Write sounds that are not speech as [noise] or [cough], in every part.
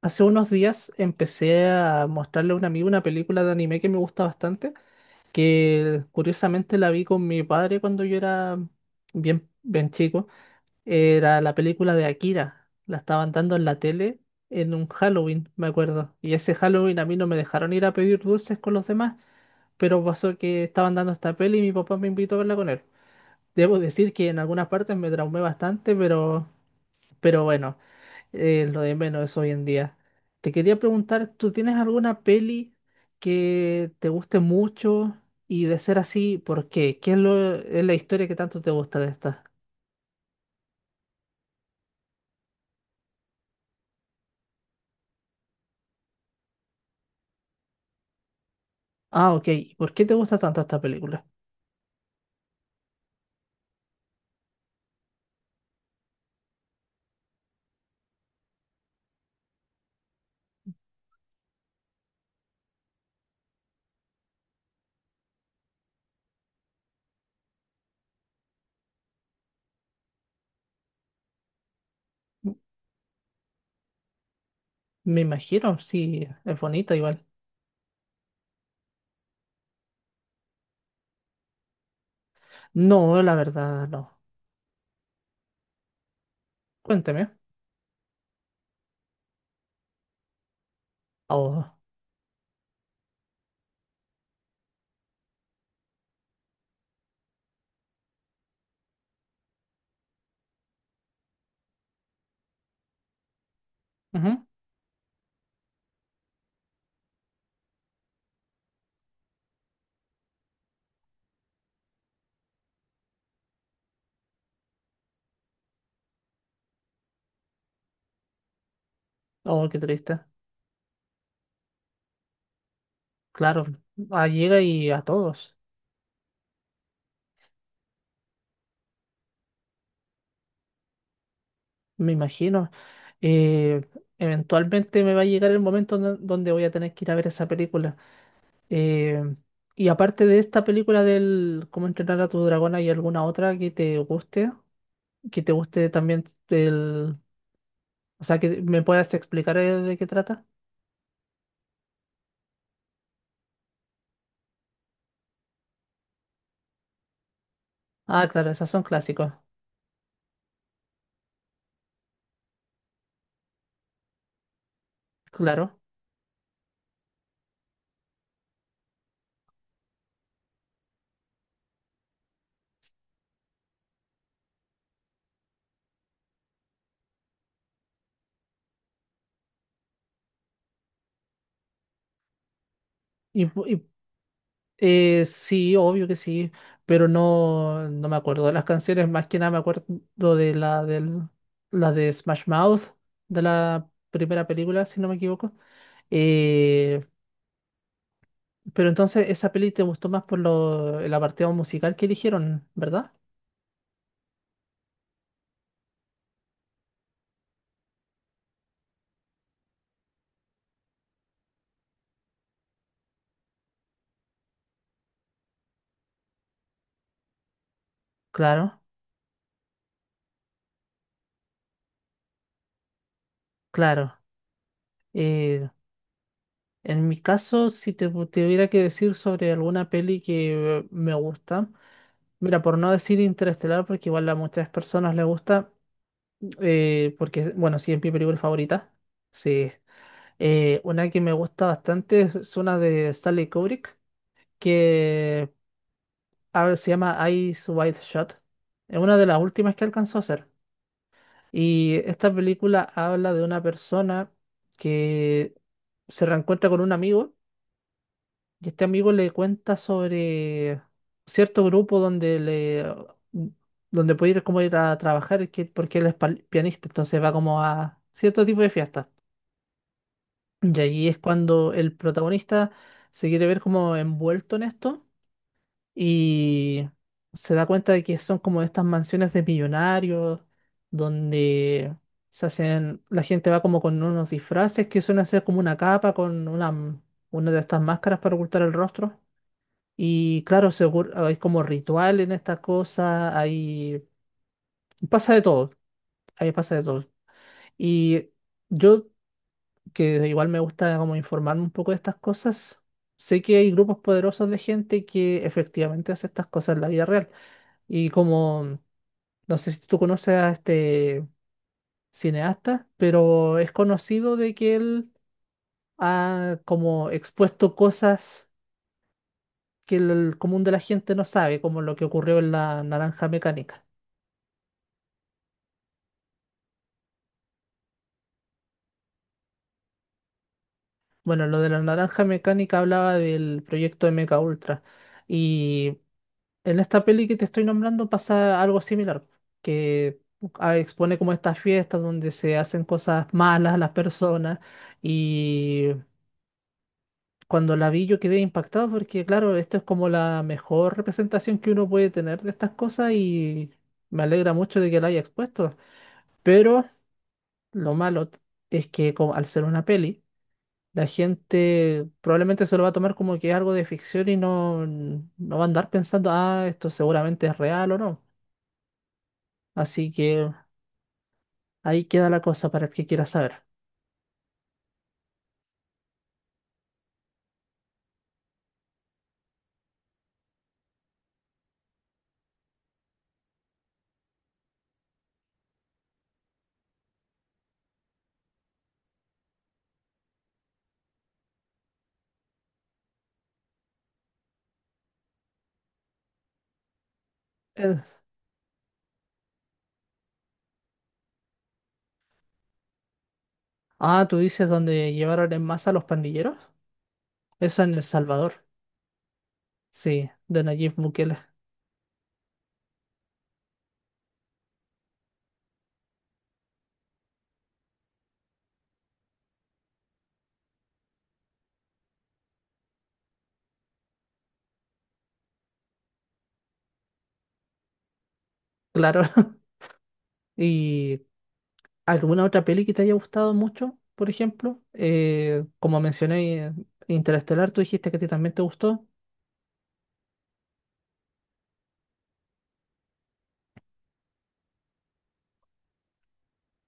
Hace unos días empecé a mostrarle a un amigo una película de anime que me gusta bastante, que curiosamente la vi con mi padre cuando yo era bien chico. Era la película de Akira. La estaban dando en la tele en un Halloween, me acuerdo. Y ese Halloween a mí no me dejaron ir a pedir dulces con los demás, pero pasó que estaban dando esta peli y mi papá me invitó a verla con él. Debo decir que en algunas partes me traumé bastante, pero bueno, lo de menos es hoy en día. Te quería preguntar, ¿tú tienes alguna peli que te guste mucho? Y de ser así, ¿por qué? ¿Es la historia que tanto te gusta de esta? Ah, ok. ¿Por qué te gusta tanto esta película? M. Me imagino, sí, es bonita igual. No, la verdad, no. Cuénteme. Oh, ujú. Oh, qué triste. Claro, ah, llega y a todos, me imagino. Eh, Eventualmente me va a llegar el momento donde voy a tener que ir a ver esa película. Eh, y aparte de esta película del Cómo entrenar a tu dragón, ¿hay alguna otra que te guste? Que te guste también del... O sea, que me puedas explicar de qué trata. Ah, claro, esas son clásicos. Claro. Y, pu- y, sí, obvio que sí, pero no, no me acuerdo de las canciones. Más que nada me acuerdo de la de Smash Mouth, de la primera película, si no me equivoco. Eh, Pero entonces esa peli te gustó más por lo, el apartado musical que eligieron, ¿verdad? Claro, claro. Eh, en mi caso, si te hubiera que decir sobre alguna peli que me gusta, mira, por no decir Interestelar, porque igual a muchas personas les gusta, porque, bueno, sí, es mi película favorita. Sí. Una que me gusta bastante es una de Stanley Kubrick, que a ver, se llama Eyes Wide Shut. Es una de las últimas que alcanzó a hacer. Y esta película habla de una persona que se reencuentra con un amigo y este amigo le cuenta sobre cierto grupo donde puede ir como ir a trabajar porque él es pianista, entonces va como a cierto tipo de fiesta. Y ahí es cuando el protagonista se quiere ver como envuelto en esto y se da cuenta de que son como estas mansiones de millonarios donde se hacen, la gente va como con unos disfraces que suelen hacer como una capa con una de estas máscaras para ocultar el rostro. Y claro, seguro, hay como ritual en esta cosa, hay, pasa de todo, ahí pasa de todo. Y yo, que igual me gusta como informarme un poco de estas cosas, sé que hay grupos poderosos de gente que efectivamente hace estas cosas en la vida real. Y como, no sé si tú conoces a este cineasta, pero es conocido de que él ha como expuesto cosas que el común de la gente no sabe, como lo que ocurrió en la naranja mecánica. Bueno, lo de la naranja mecánica hablaba del proyecto de Mecha Ultra. Y en esta peli que te estoy nombrando pasa algo similar, que ah, expone como estas fiestas donde se hacen cosas malas a las personas y cuando la vi yo quedé impactado porque, claro, esto es como la mejor representación que uno puede tener de estas cosas y me alegra mucho de que la haya expuesto. Pero lo malo t- es que como, al ser una peli, la gente probablemente se lo va a tomar como que es algo de ficción y no, no va a andar pensando, ah, esto seguramente es real o no. Así que ahí queda la cosa para el que quiera saber. Eh, ah, tú dices donde llevaron en masa a los pandilleros. Eso en El Salvador. Sí, de Nayib Bukele. Claro. [laughs] ¿Y alguna otra peli que te haya gustado mucho, por ejemplo? Como mencioné, Interestelar, tú dijiste que a ti también te gustó.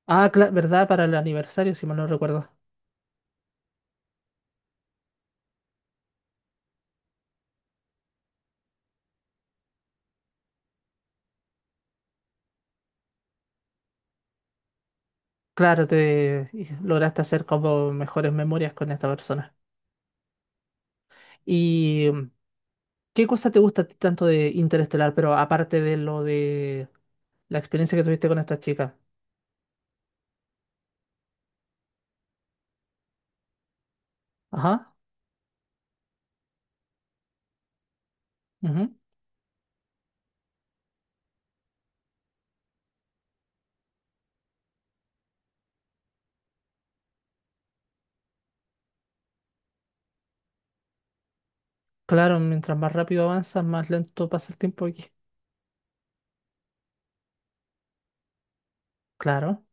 Ah, ¿verdad? Para el aniversario, si mal no recuerdo. Claro, te y lograste hacer como mejores memorias con esta persona. ¿Y qué cosa te gusta a ti tanto de Interestelar, pero aparte de lo de la experiencia que tuviste con esta chica? Ajá. Ujú. Claro, mientras más rápido avanzas, más lento pasa el tiempo aquí. Claro.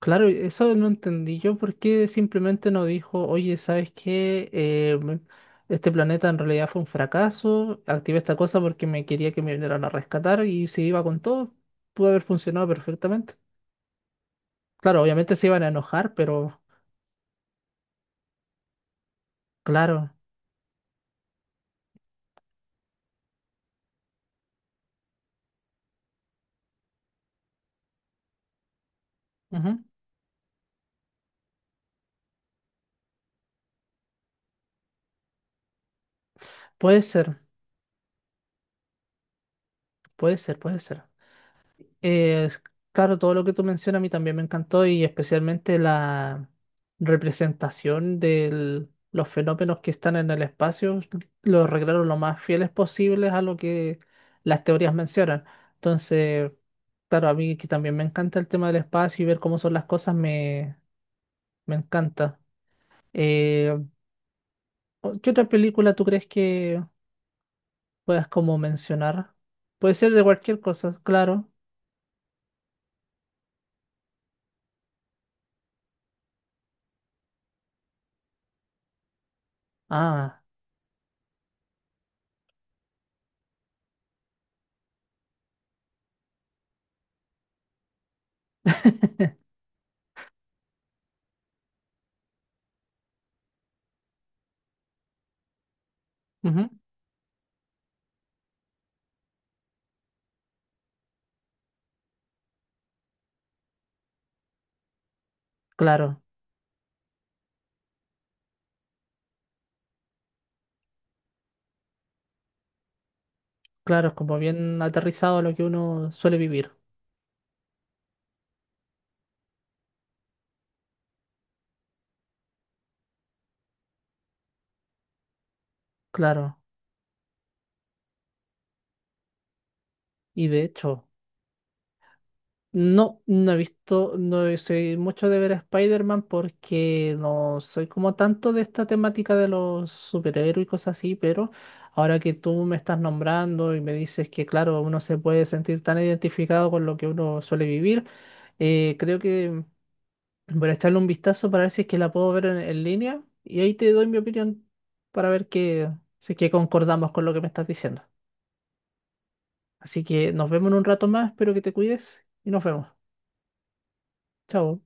Claro, eso no entendí yo, ¿por qué simplemente no dijo, oye, ¿sabes qué? Este planeta en realidad fue un fracaso, activé esta cosa porque me quería que me vinieran a rescatar y si iba con todo, pudo haber funcionado perfectamente. Claro, obviamente se iban a enojar, pero claro, ujú. Puede ser, puede ser. Eh, es- claro, todo lo que tú mencionas a mí también me encantó y especialmente la representación de los fenómenos que están en el espacio, los arreglaron lo más fieles posibles a lo que las teorías mencionan. Entonces, claro, a mí que también me encanta el tema del espacio y ver cómo son las cosas me encanta. Eh, ¿Qué otra película tú crees que puedas como mencionar? Puede ser de cualquier cosa, claro. Ah, ujú, claro. Claro, es como bien aterrizado a lo que uno suele vivir. Claro. Y de hecho, no, no he visto, no sé mucho de ver a Spider-Man porque no soy como tanto de esta temática de los superhéroes y cosas así, pero ahora que tú me estás nombrando y me dices que, claro, uno se puede sentir tan identificado con lo que uno suele vivir, creo que voy a echarle un vistazo para ver si es que la puedo ver en línea y ahí te doy mi opinión para ver que, si es que concordamos con lo que me estás diciendo. Así que nos vemos en un rato más, espero que te cuides y nos vemos. Chao.